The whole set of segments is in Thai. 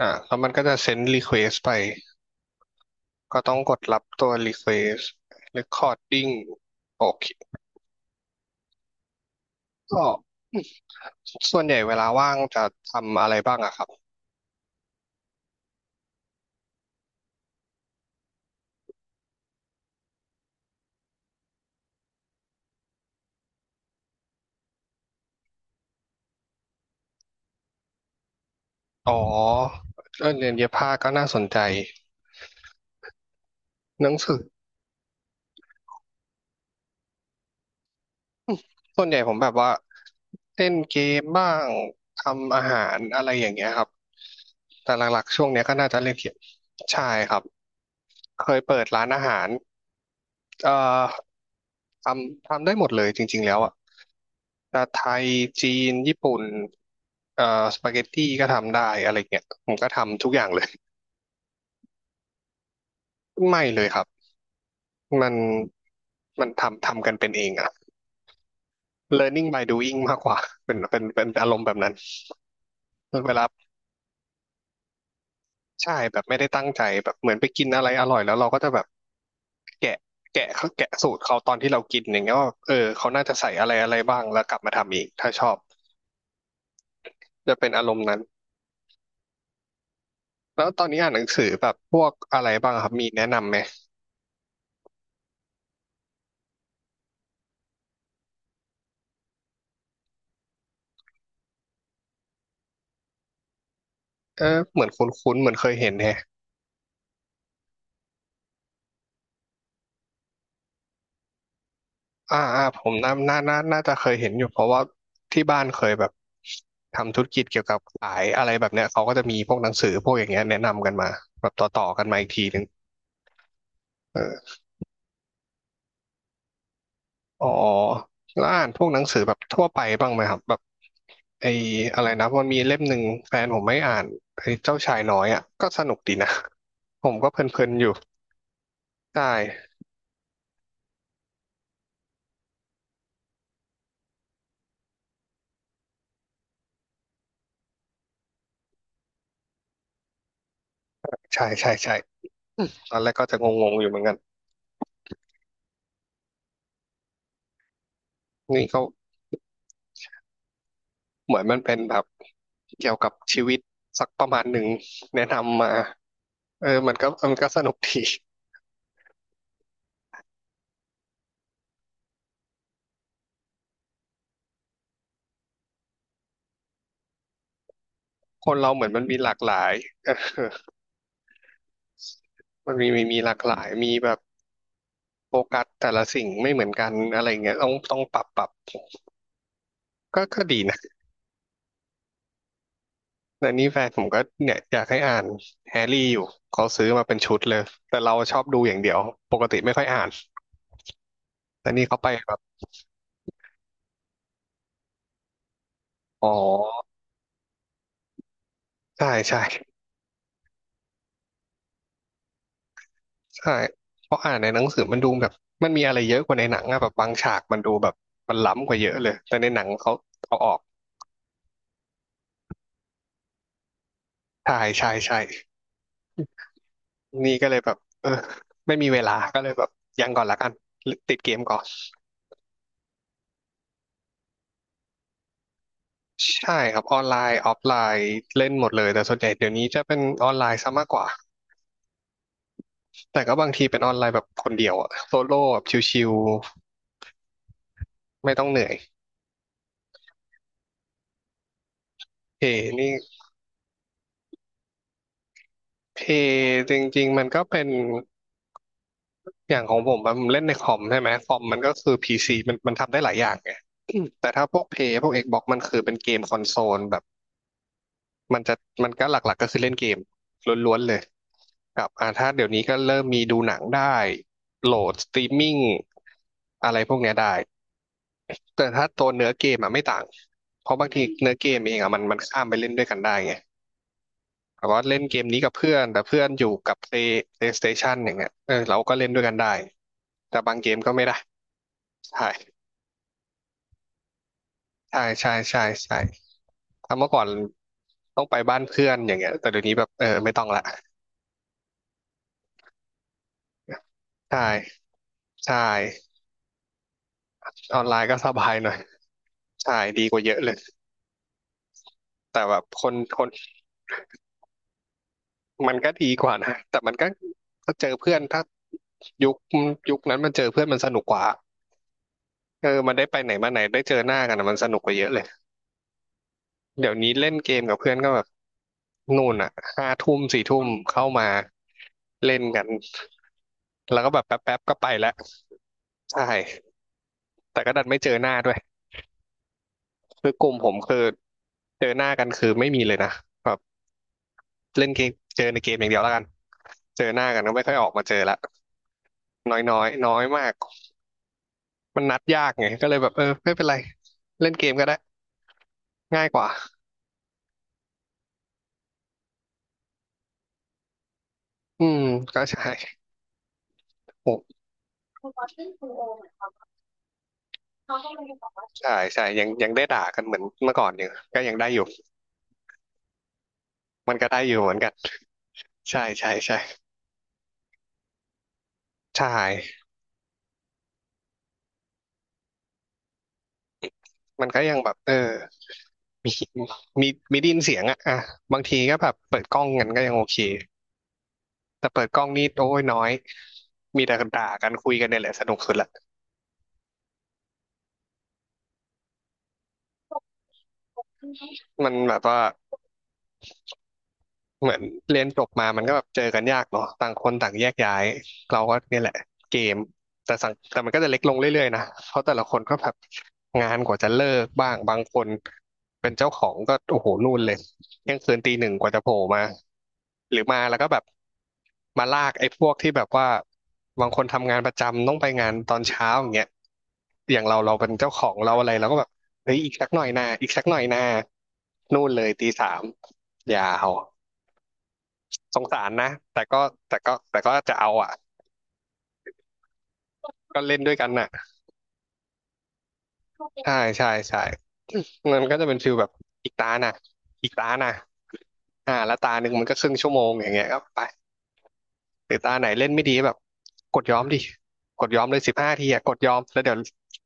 อ่ะแล้วมันก็จะเซ็นรีเควสไปก็ต้องกดรับตัวรีเควส recording โอเคก็ส่วนใหญ่เวลาว่างจะทำอะไรบ้างอะครับอ๋อเรื่องเรียนเย็บผ้าก็น่าสนใจหนังสือส่วนใหญ่ผมแบบว่าเล่นเกมบ้างทำอาหารอะไรอย่างเงี้ยครับแต่หลักๆช่วงเนี้ยก็น่าจะเล่นเกมใช่ครับเคยเปิดร้านอาหารเอ่อทำได้หมดเลยจริงๆแล้วอะ จะไทย จีน ญี่ปุ่นเอ่อสปาเกตตี้ก็ทำได้อะไรเงี้ยผมก็ทำทุกอย่างเลย ไม่เลยครับ มันมันทำกันเป็นเองอะ learning by doing มากกว่า เป็นอารมณ์แบบนั้น เวลาใช่แบบไม่ได้ตั้งใจแบบเหมือนไปกินอะไรอร่อยแล้วเราก็จะแบบแกะแกะเขาแกะสูตรเขาตอนที่เรากินอย่างเงี้ยว่าเออเขาน่าจะใส่อะไรอะไรบ้าง แล้วกลับมาทำอีก ถ้าชอบ จะเป็นอารมณ์นั้น แล้วตอนนี้อ่านหนังสือแบบพวกอะไรบ้างครับมีแนะนำไหมเออเหมือนคุ้นๆเหมือนเคยเห็นแฮะ ผมน่าจะเคยเห็นอยู่เพราะว่าที่บ้านเคยแบบทำธุรกิจเกี่ยวกับขายอะไรแบบเนี้ยเขาก็จะมีพวกหนังสือพวกอย่างเงี้ยแนะนำกันมาแบบต่อกันมาอีกทีหนึ่งเอออ๋อแล้วอ่านพวกหนังสือแบบทั่วไปบ้างไหมครับแบบไอ้อะไรนะมันมีเล่มหนึ่งแฟนผมไม่อ่านไอ้เจ้าชายน้อยอ่ะก็สนุกดีนะผมก็เพลินๆอยู่ใช่ใช่ใช่ใช่ตอนแรกก็จะงงๆอยู่เหมือนกันนี่เขา เหมือนมันเป็นแบบเกี่ยวกับชีวิตสักประมาณหนึ่งแนะนำมาเออมันก็สนุกดีคนเราเหมือนมันมีหลากหลายเออมันมีหลากหลายมีแบบโฟกัสแต่ละสิ่งไม่เหมือนกันอะไรเงี้ยต้องปรับก็ดีนะแต่นี่แฟนผมก็เนี่ยอยากให้อ่านแฮร์รี่อยู่เขาซื้อมาเป็นชุดเลยแต่เราชอบดูอย่างเดียวปกติไม่ค่อยอ่านแต่นี่เขาไปแบบอ๋อใช่ใช่ ใช่เพราะอ่านในหนังสือมันดูแบบมันมีอะไรเยอะกว่าในหนังอะแบบบางฉากมันดูแบบมันล้ำกว่าเยอะเลยแต่ในหนังเขาเอาออกใช่ใช่ใช่นี่ก็เลยแบบเออไม่มีเวลาก็เลยแบบยังก่อนละกันติดเกมก่อนใช่ครับออนไลน์ออฟไลน์เล่นหมดเลยแต่ส่วนใหญ่เดี๋ยวนี้จะเป็นออนไลน์ซะมากกว่า แต่ก็บางทีเป็นออนไลน์แบบคนเดียวอะโซโล่แบบชิวๆไม่ต้องเหนื่อยเพนี่เพจริงๆมันก็เป็น อย่างของผมอะผมเล่นในคอมใช่ไหมคอมมันก็คือพีซีมันทำได้หลายอย่างไงอืมแต่ถ้าพวกเพย์พวกเอกบอกมันคือเป็นเกมคอนโซลแบบมันจะมันก็หลักๆก็คือเล่นเกมล้วนๆเลยกับอ่าถ้าเดี๋ยวนี้ก็เริ่มมีดูหนังได้โหลดสตรีมมิ่งอะไรพวกเนี้ยได้แต่ถ้าตัวเนื้อเกมอะไม่ต่างเพราะบางทีเนื้อเกมเองอะมันข้ามไปเล่นด้วยกันได้ไงแต่ว่าเล่นเกมนี้กับเพื่อนแต่เพื่อนอยู่กับ PlayStation อย่างเงี้ยเออเราก็เล่นด้วยกันได้แต่บางเกมก็ไม่ได้ใช่ ใช่ใช่ใช่ใช่ถ้าเมื่อก่อนต้องไปบ้านเพื่อนอย่างเงี้ยแต่เดี๋ยวนี้แบบเออไม่ต้องละใช่ใช่ออนไลน์ก็สบายหน่อยใช่ดีกว่าเยอะเลยแต่แบบคนมันก็ดีกว่านะแต่มันก็ถ้าเจอเพื่อนถ้ายุคยุคนั้นมันเจอเพื่อนมันสนุกกว่าเออมันได้ไปไหนมาไหนได้เจอหน้ากันอะมันสนุกกว่าเยอะเลย เดี๋ยวนี้เล่นเกมกับเพื่อนก็แบบนู่นอ่ะห้าทุ่มสี่ทุ่มเข้ามาเล่นกันแล้วก็แบบแป๊บๆก็ไปแล้วใช่แต่ก็ดันไม่เจอหน้าด้วยคือกลุ่มผมคือเจอหน้ากันคือไม่มีเลยนะแบบเล่นเกมเจอในเกมอย่างเดียวแล้วกันเจอหน้ากันก็ไม่ค่อยออกมาเจอละน้อยน้อยน้อยมากมันนัดยากไงก็เลยแบบเออไม่เป็นไรเล่นเกมก็ได้ง่ายกว่าอืมก็ใช่โห ใช่ใช่ยังได้ด่ากันเหมือนเมื่อก่อนอยู่ก็ยังได้อยู่มันก็ได้อยู่เหมือนกันใช่ใช่ใช่ใช่มันก็ยังแบบมีมีมีไดยินเสียงอะอ่ะบางทีก็แบบเปิดกล้องกันก็ยังโอเคแต่เปิดกล้องนี่โอ้ยน้อยมีแต่ด่ากันคุยกันเนี่ยแหละสนุกสุดละมันแบบว่า เหมือนเรียนจบมามันก็แบบเจอกันยากเนาะต่างคนต่างแยกย้ายเราก็เนี่ยแหละเกมแต่มันก็จะเล็กลงเรื่อยๆนะเพราะแต่ละคนก็แบบงานกว่าจะเลิกบ้างบางคนเป็นเจ้าของก็โอ้โหนู่นเลยเที่ยงคืนตีหนึ่งกว่าจะโผล่มาหรือมาแล้วก็แบบมาลากไอ้พวกที่แบบว่าบางคนทำงานประจำต้องไปงานตอนเช้าอย่างเงี้ยอย่างเราเราเป็นเจ้าของเราอะไรเราก็แบบเฮ้ยอีกสักหน่อยนะอีกสักหน่อยนะนู่นเลยตีสามยาว สงสารนะแต่ก็จะเอาอ่ะก็เล่นด้วยกันน่ะใช่ใช่ใช่มันก็จะเป็นฟิลแบบอีกตาน่ะอีกตาน่ะแล้วตาหนึ่งมันก็ครึ่งชั่วโมงอย่างเงี้ยก็ไปหรือตาไหนเล่นไม่ดีแบบกดยอมดิกดยอมเลย15 ทีอ่ะกดยอมแล้วเดี๋ยว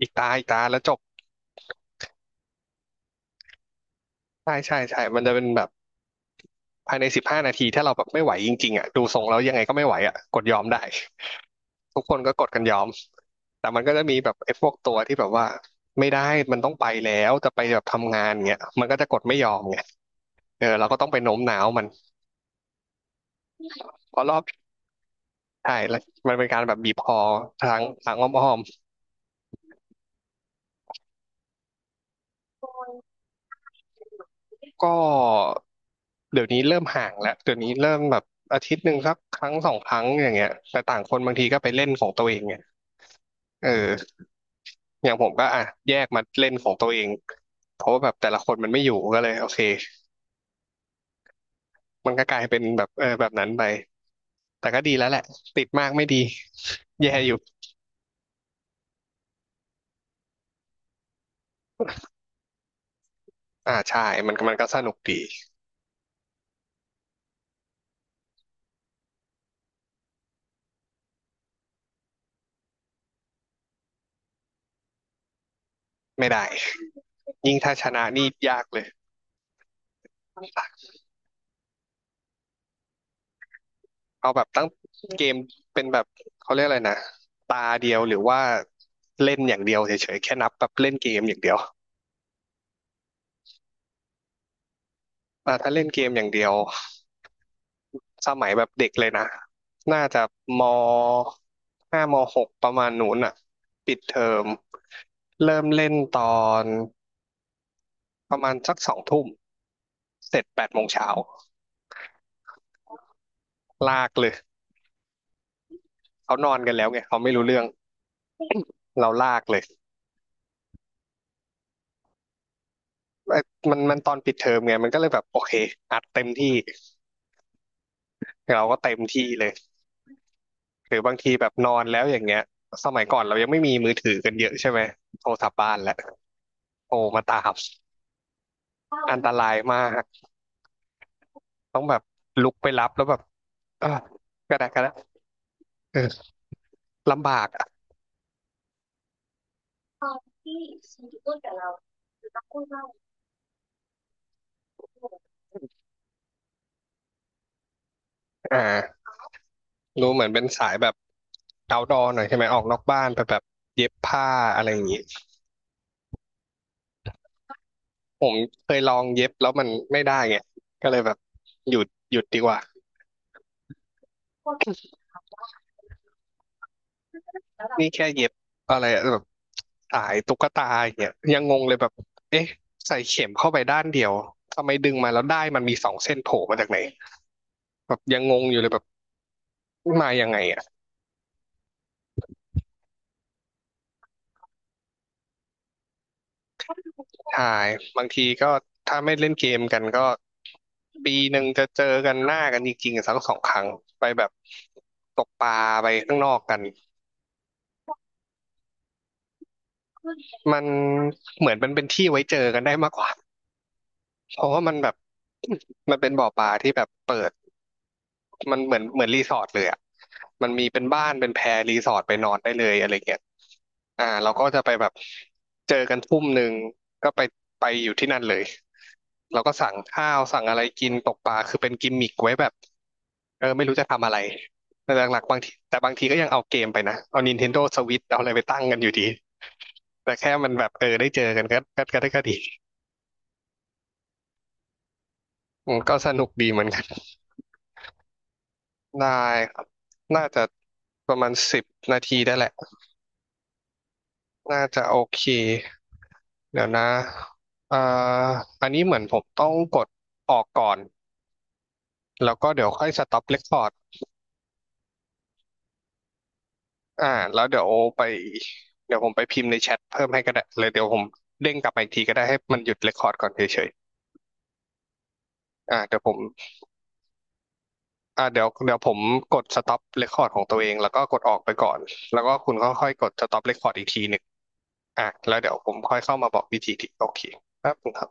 อีกตาอีกตาแล้วจบใช่ใช่ใช่มันจะเป็นแบบ ภายใน15 นาทีถ้าเราแบบไม่ไหวจริงๆอ่ะดูทรงแล้วยังไงก็ไม่ไหวอ่ะกดยอมได้ ทุกคนก็กดกันยอม แต่มันก็จะมีแบบไอ้พวกตัวที่แบบว่าไม่ได้ มันต้องไปแล้วจะไปแบบทำงานเงี้ยมันก็จะกดไม่ยอมไงเออเราก็ต้องไปโน้มน้าวมันเพราะรอบใช่แล้วมันเป็นการแบบบีบคอทางอ้อมๆก็เดี๋ยวนี้เริ่มห่างแล้ว เดี๋ยวนี้เริ่มแบบอาทิตย์หนึ่งสักครั้งสองครั้งอย่างเงี้ยแต่ต่างคนบางทีก็ไปเล่นของตัวเองไงเออ อย่างผมก็อ่ะแยกมาเล่นของตัวเองเพราะว่าแบบแต่ละคนมันไม่อยู่ก็เลยโอเคมันก็กลายเป็นแบบเออแบบนั้นไปแต่ก็ดีแล้วแหละติดมากไม่ดีแย่อยู่อ่าใช่มันก็สนุกดีไม่ได้ยิ่งถ้าชนะนี่ยากเลยเอาแบบตั้งเกมเป็นแบบเขาเรียกอะไรนะตาเดียวหรือว่าเล่นอย่างเดียวเฉยๆแค่นับแบบเล่นเกมอย่างเดียวถ้าเล่นเกมอย่างเดียว สมัยแบบเด็กเลยนะน่าจะมห้ามหกประมาณนู้นอ่ะปิดเทอมเริ่มเล่นตอนประมาณสักสองทุ่มเสร็จแปดโมงเช้าลากเลยเขานอนกันแล้วไงเขาไม่รู้เรื่องเราลากเลยเอ้ยมันตอนปิดเทอมไงมันก็เลยแบบโอเคอัดเต็มที่เราก็เต็มที่เลยหรือบางทีแบบนอนแล้วอย่างเงี้ยสมัยก่อนเรายังไม่มีมือถือกันเยอะใช่ไหมโทรศัพท์บ้านแหละโทรมาตามอันตรายมาก ต้องแบบลุกไปรับแล้วแบบเออกระแดกกระแดกเออลำบากอ่ะอ่ารู้เหมือนเป็นสายแบบเอาดอหน่อยใช่ไหมออกนอกบ้านไปแบบเย็บผ้าอะไรอย่างงี้ผมเคยลองเย็บแล้วมันไม่ได้ไงก็เลยแบบหยุดหยุดดีกว่านี่แค่เย็บอะไรอะแบบสายตุ๊กตาอย่างเงี้ยยังงงเลยแบบเอ๊ะใส่เข็มเข้าไปด้านเดียวทำไมดึงมาแล้วได้มันมีสองเส้นโผล่มาจากไหนแบบยังงงอยู่เลยแบบมายังไงอ่ะ ใช่บางทีก็ถ้าไม่เล่นเกมกันก็ปีหนึ่งจะเจอกันหน้ากันจริงๆสักสองครั้งไปแบบตกปลาไปข้างนอกกันมันเหมือนมันเป็นที่ไว้เจอกันได้มากกว่าเพราะว่ามันแบบ มันเป็นบ่อปลาที่แบบเปิด มันเหมือนรีสอร์ทเลยอ่ะมันมีเป็นบ้านเป็นแพรรีสอร์ทไปนอนได้เลยอะไรเงี้ยเราก็จะไปแบบเจอกันทุ่มหนึ่งก็ไปไปอยู่ที่นั่นเลย เราก็สั่งข้าวสั่งอะไรกินตกปลาคือเป็นกิมมิกไว้แบบเออไม่รู้จะทำอะไรแต่หลักๆบางทีก็ยังเอาเกมไปนะเอา Nintendo Switch เอาอะไรไปตั้งกันอยู่ดีแต่แค่มันแบบเออได้เจอกันก็ได้ก็ดีอืมก็สนุกดีเหมือนกันได้ครับน่าจะประมาณ10 นาทีได้แหละ น่าจะโอเคเดี๋ยวนะอ่าอันนี้เหมือนผมต้องกดออกก่อนแล้วก็เดี๋ยวค่อยสต็อปเรคคอร์ดอ่าแล้วเดี๋ยวไปเดี๋ยวผมไปพิมพ์ในแชทเพิ่มให้ก็ได้เลยเดี๋ยวผมเด้งกลับมาอีกทีก็ได้ให้มันหยุดเรคคอร์ดก่อนเฉยๆเดี๋ยวผมเดี๋ยวผมกดสต็อปเรคคอร์ดของตัวเองแล้วก็กดออกไปก่อนแล้วก็คุณก็ค่อยกดสต็อปเรคคอร์ดอีกทีหนึ่งแล้วเดี๋ยวผมค่อยเข้ามาบอกวิธีที่โอเคครับ